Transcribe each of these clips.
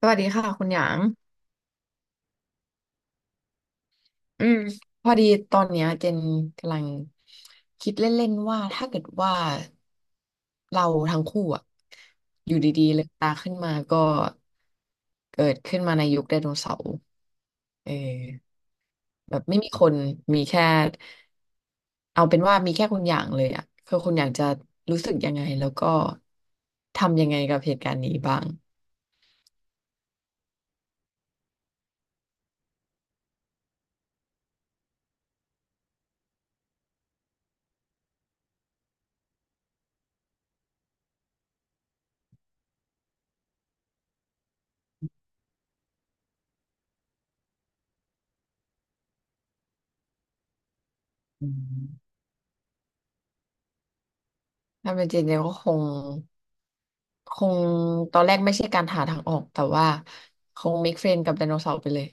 สวัสดีค่ะคุณหยางอืมพอดีตอนเนี้ยเจนกำลังคิดเล่นๆว่าถ้าเกิดว่าเราทั้งคู่อะอยู่ดีๆเลืมตาขึ้นมาก็เกิดขึ้นมาในยุคไดโนเสาร์เออแบบไม่มีคนมีแค่เอาเป็นว่ามีแค่คุณหยางเลยอะคือคุณหยางจะรู้สึกยังไงแล้วก็ทำยังไงกับเหตุการณ์นี้บ้างอืมถ้าเป็นเจนเจนก็คงตอนแรกไม่ใช่การหาทางออกแต่ว่าคง make friend กับไดโนเสาร์ไปเลย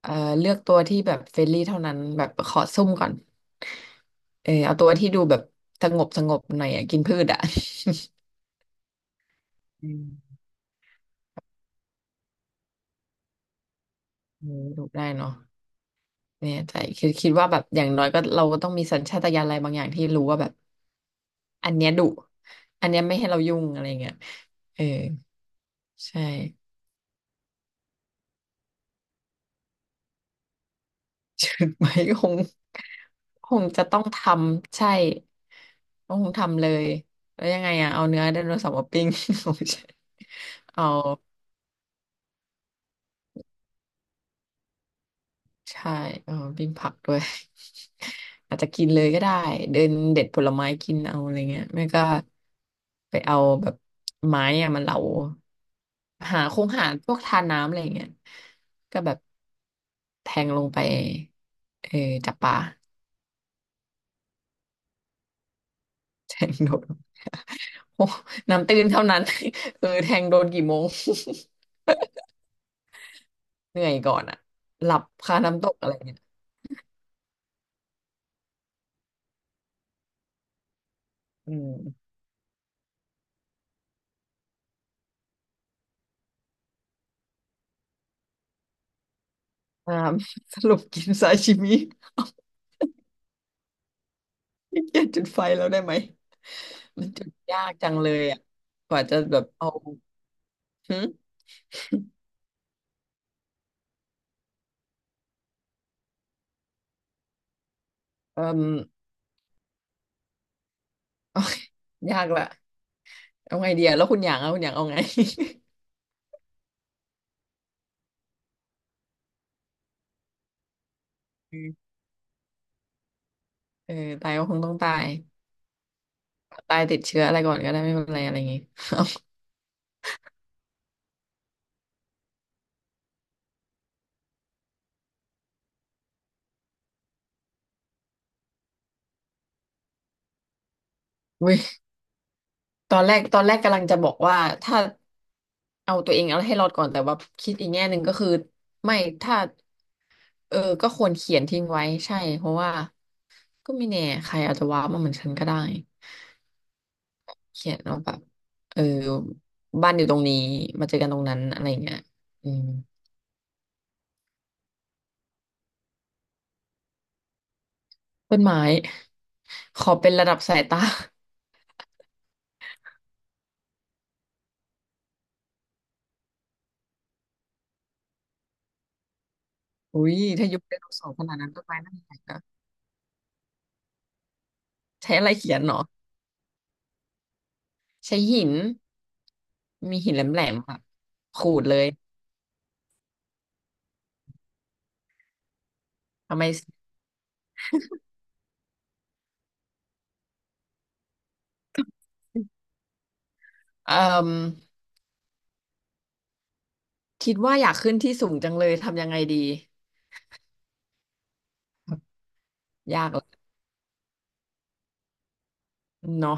เอ่อเลือกตัวที่แบบเฟรนลี่เท่านั้นแบบขอซุ่มก่อนเออเอาตัวที่ดูแบบสงบสงบหน่อยอะกินพืชอ่ะอืมเออดูได้เนาะเนี่ยใจคือคิดว่าแบบอย่างน้อยก็เราก็ต้องมีสัญชาตญาณอะไรบางอย่างที่รู้ว่าแบบอันเนี้ยดุอันเนี้ยไม่ให้เรายุ่งอะไรเงี้ยเออใช่ เชิง ไหมคงคงจะต้องทำใช่ต้องทำเลยแล้วยังไงอ่ะเอาเนื้อไดโนเสาร์มาปิ้ง โอเคเอาใช่เอาปิ้งผักด้วย อาจจะกินเลยก็ได้เดินเด็ดผลไม้กินเอาอะไรเงี้ยไม่ก็ไปเอาแบบไม้อะมาเหลาหาคงหาพวกทาน้ำอะไรเงี้ยก็แบบแทงลงไปเออจับปลา แทงโดด โอ้น้ำตื้นเท่านั้น เออแทงโดนกี่โมง เหนื่อยก่อนอะหลับคาน้ำตกอะไรเงี้ยอืมอ่า สรุปกินซาชิมิ ขี้เกียจจุดไฟแล้วได้ไหมมันจุดยากจังเลยอะกว่าจะแบบเอาหึเอ่ม ยากละเอาไงเดียแล้วคุณอยากเอาคุณอยากเอาไง เออตายก็คงต้องตายตายติดเชื้ออะไรก่อนก็ได้ไม่เป็นไรอะไรอย่างงี้อุ้ยตอนแรกกำลังจะบอกว่าถ้า เอาตัวเองเอาให้รอดก่อนแต่ว่าคิดอีกแง่หนึ่งก็คือไม่ถ้าเออก็ควรเขียนทิ้งไว้ใช่เพราะว่าก็ไม่แน่ใครอาจจะว้าวมาเหมือนฉันก็ได้เขียนเอาแบบเออบ้านอยู่ตรงนี้มาเจอกันตรงนั้นอะไรอย่างเงี้ยอืมต้นไม้ ขอเป็นระดับสายตา อุ้ยถ้ายุคไดโนเสาร์ขนาดนั้นต้นไม้น่าจะใหญ่นะใช้อะไรเขียนเนาะใช้หินมีหินแหลมๆค่ะขูดเลยทำไม เอ่อคิดว่าอยากขึ้นที่สูงจังเลยทำยังไงดี ยากละเนาะ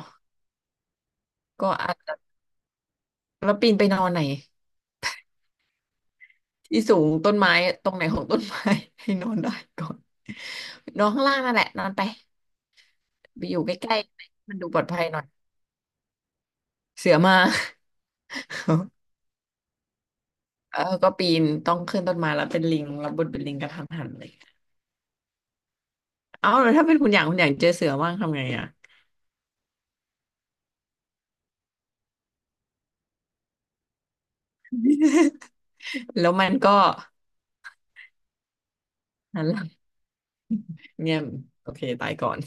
ก็อาจจะแล้วปีนไปนอนไหนที่สูงต้นไม้ตรงไหนของต้นไม้ ให้นอนได้ก่อนนอนข้างล่างนั่นแหละนอนไปไปอยู่ใกล้ๆมันดูปลอดภัยหน่อยเสือมา เออก็ปีนต้องขึ้นต้นไม้แล้วเป็นลิงแล้วบนเป็นลิงกระทันหันเลยเอ้าแล้วถ้าเป็นคุณอย่างเจอเสือว่างทำไงอ่ะ แล้วมันก็นั่นแหละเงียบโอเคตายก่อน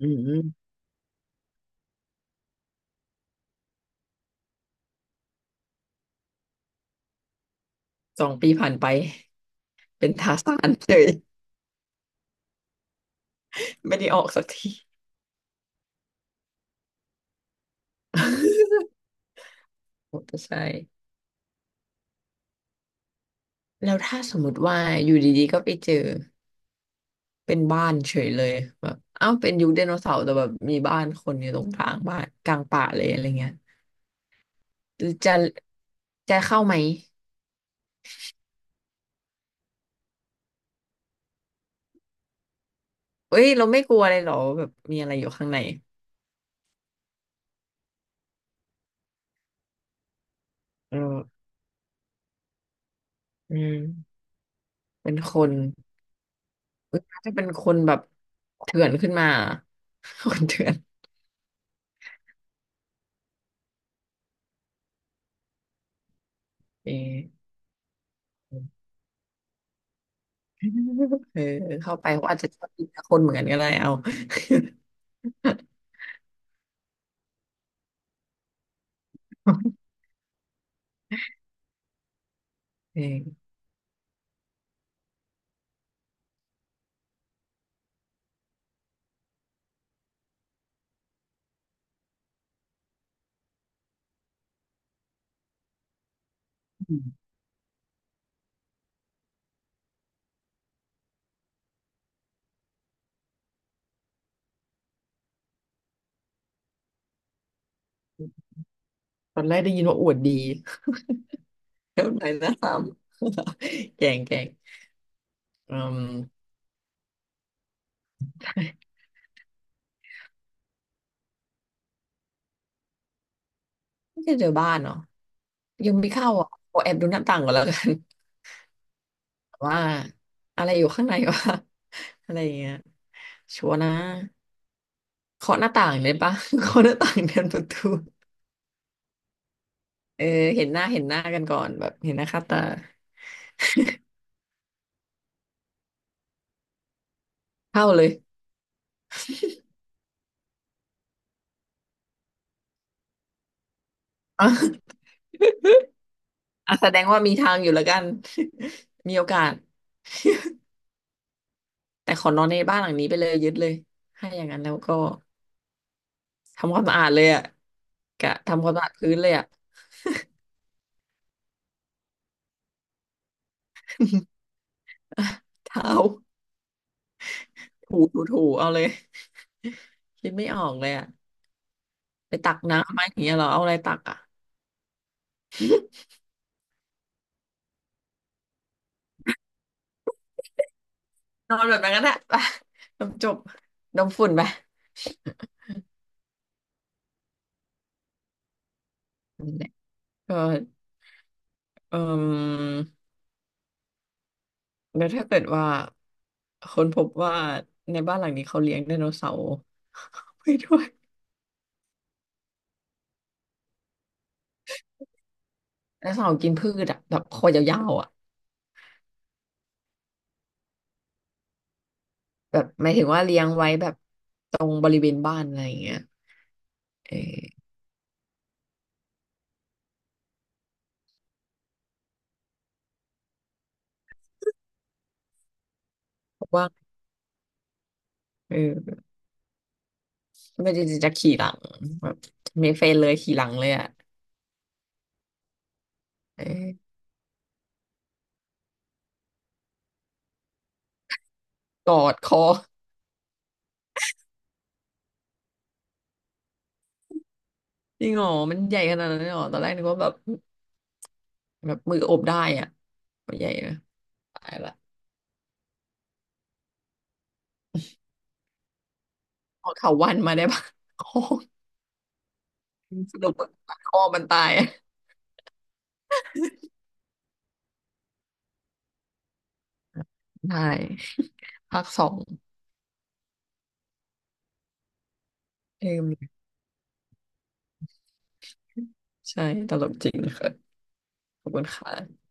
อืมสองปีผ่านไปเป็นทาสานเลยไม่ได้ออกสักที มอเตอร์ไซค์แล้วถ้าสมมติว่าอยู่ดีๆก็ไปเจอเป็นบ้านเฉยเลยแบบเอ้าเป็นยุคไดโนเสาร์แต่แบบมีบ้านคนอยู่ตรงกลางบ้านกลางป่าเลยอะไรเงี้ยจะจะเข้าไหมเอ้ยเราไม่กลัวเลยเหรอแบบมีอะไรอยู่ข้างในเอออืมเป็นคนเอ้ยถ้าเป็นคนแบบเถื่อนขึ้นมา คนเถื่อนเออเออเข้าไปเขาอาจจะชอบกินคนเหมือนกันก็ได้เอา เออ ตอนแรกได้ยินว่าอวดดี แล้วไหนนะสาม แกงแกงอืมไม่ใช่เจอบ้านเนาะยังไม่เข้าอ่ะขอแอบดูหน้าต่างก่อนแล้วกัน ว่าอะไรอยู่ข้างในวะ อะไรอย่างเงี้ยชัวร์นะเคาะหน้าต่างเลยปะ เคาะหน้าต่างเดินประตูเออเห็นหน้าเห็นหน้ากันก่อนแบบเห็นหน้าค่าตาเข้าเลย อ่ะอ่ะแสดงว่ามีทางอยู่แล้วกัน มีโอกาสแต่ขอนอนในบ้านหลังนี้ไปเลยยึดเลยให้าอย่างนั้นแล้วก็ ทำความสะอาดเลยอ่ะกะทำความสะอาดพื้นเลยอ่ะ อ่ะเท้าถูเอาเลยคิดไม่ออกเลยอ่ะไปตักน้ำไหมาอย่างเงี้ยเหรอเอาอะไรตักอ่ะนอนแบบนั้นก็ได้ไปจบจบดมฝุ่นไปนั่นแหละก็เออแล้วถ้าเกิดว่าคนพบว่าในบ้านหลังนี้เขาเลี้ยงไดโนเสาร์ ไปด้วยไดโนเสาร์กินพืชอ่ะแบบคอยาวๆอ่ะแบบหมายถึงว่าเลี้ยงไว้แบบตรงบริเวณบ้านอะไรอย่างเงี้ยเออว่าเออ ไม่ได้จะขี่หลังแบบมีเฟนเลยขี่หลังเลยอ่ะเอ้ยกอดคอจริงเหรอมันใหญ่ขนาดนั้นเลยเหรอตอนแรกนึกว่าแบบแบบมือโอบได้อ่ะมันใหญ่นะตายละเอาเถาวัลย์มาได้ปะค อสรุปว่าคอมันตายอะได้ภาคสองเอมใช่ตลกจริงค่ะขอบคุณค่ะ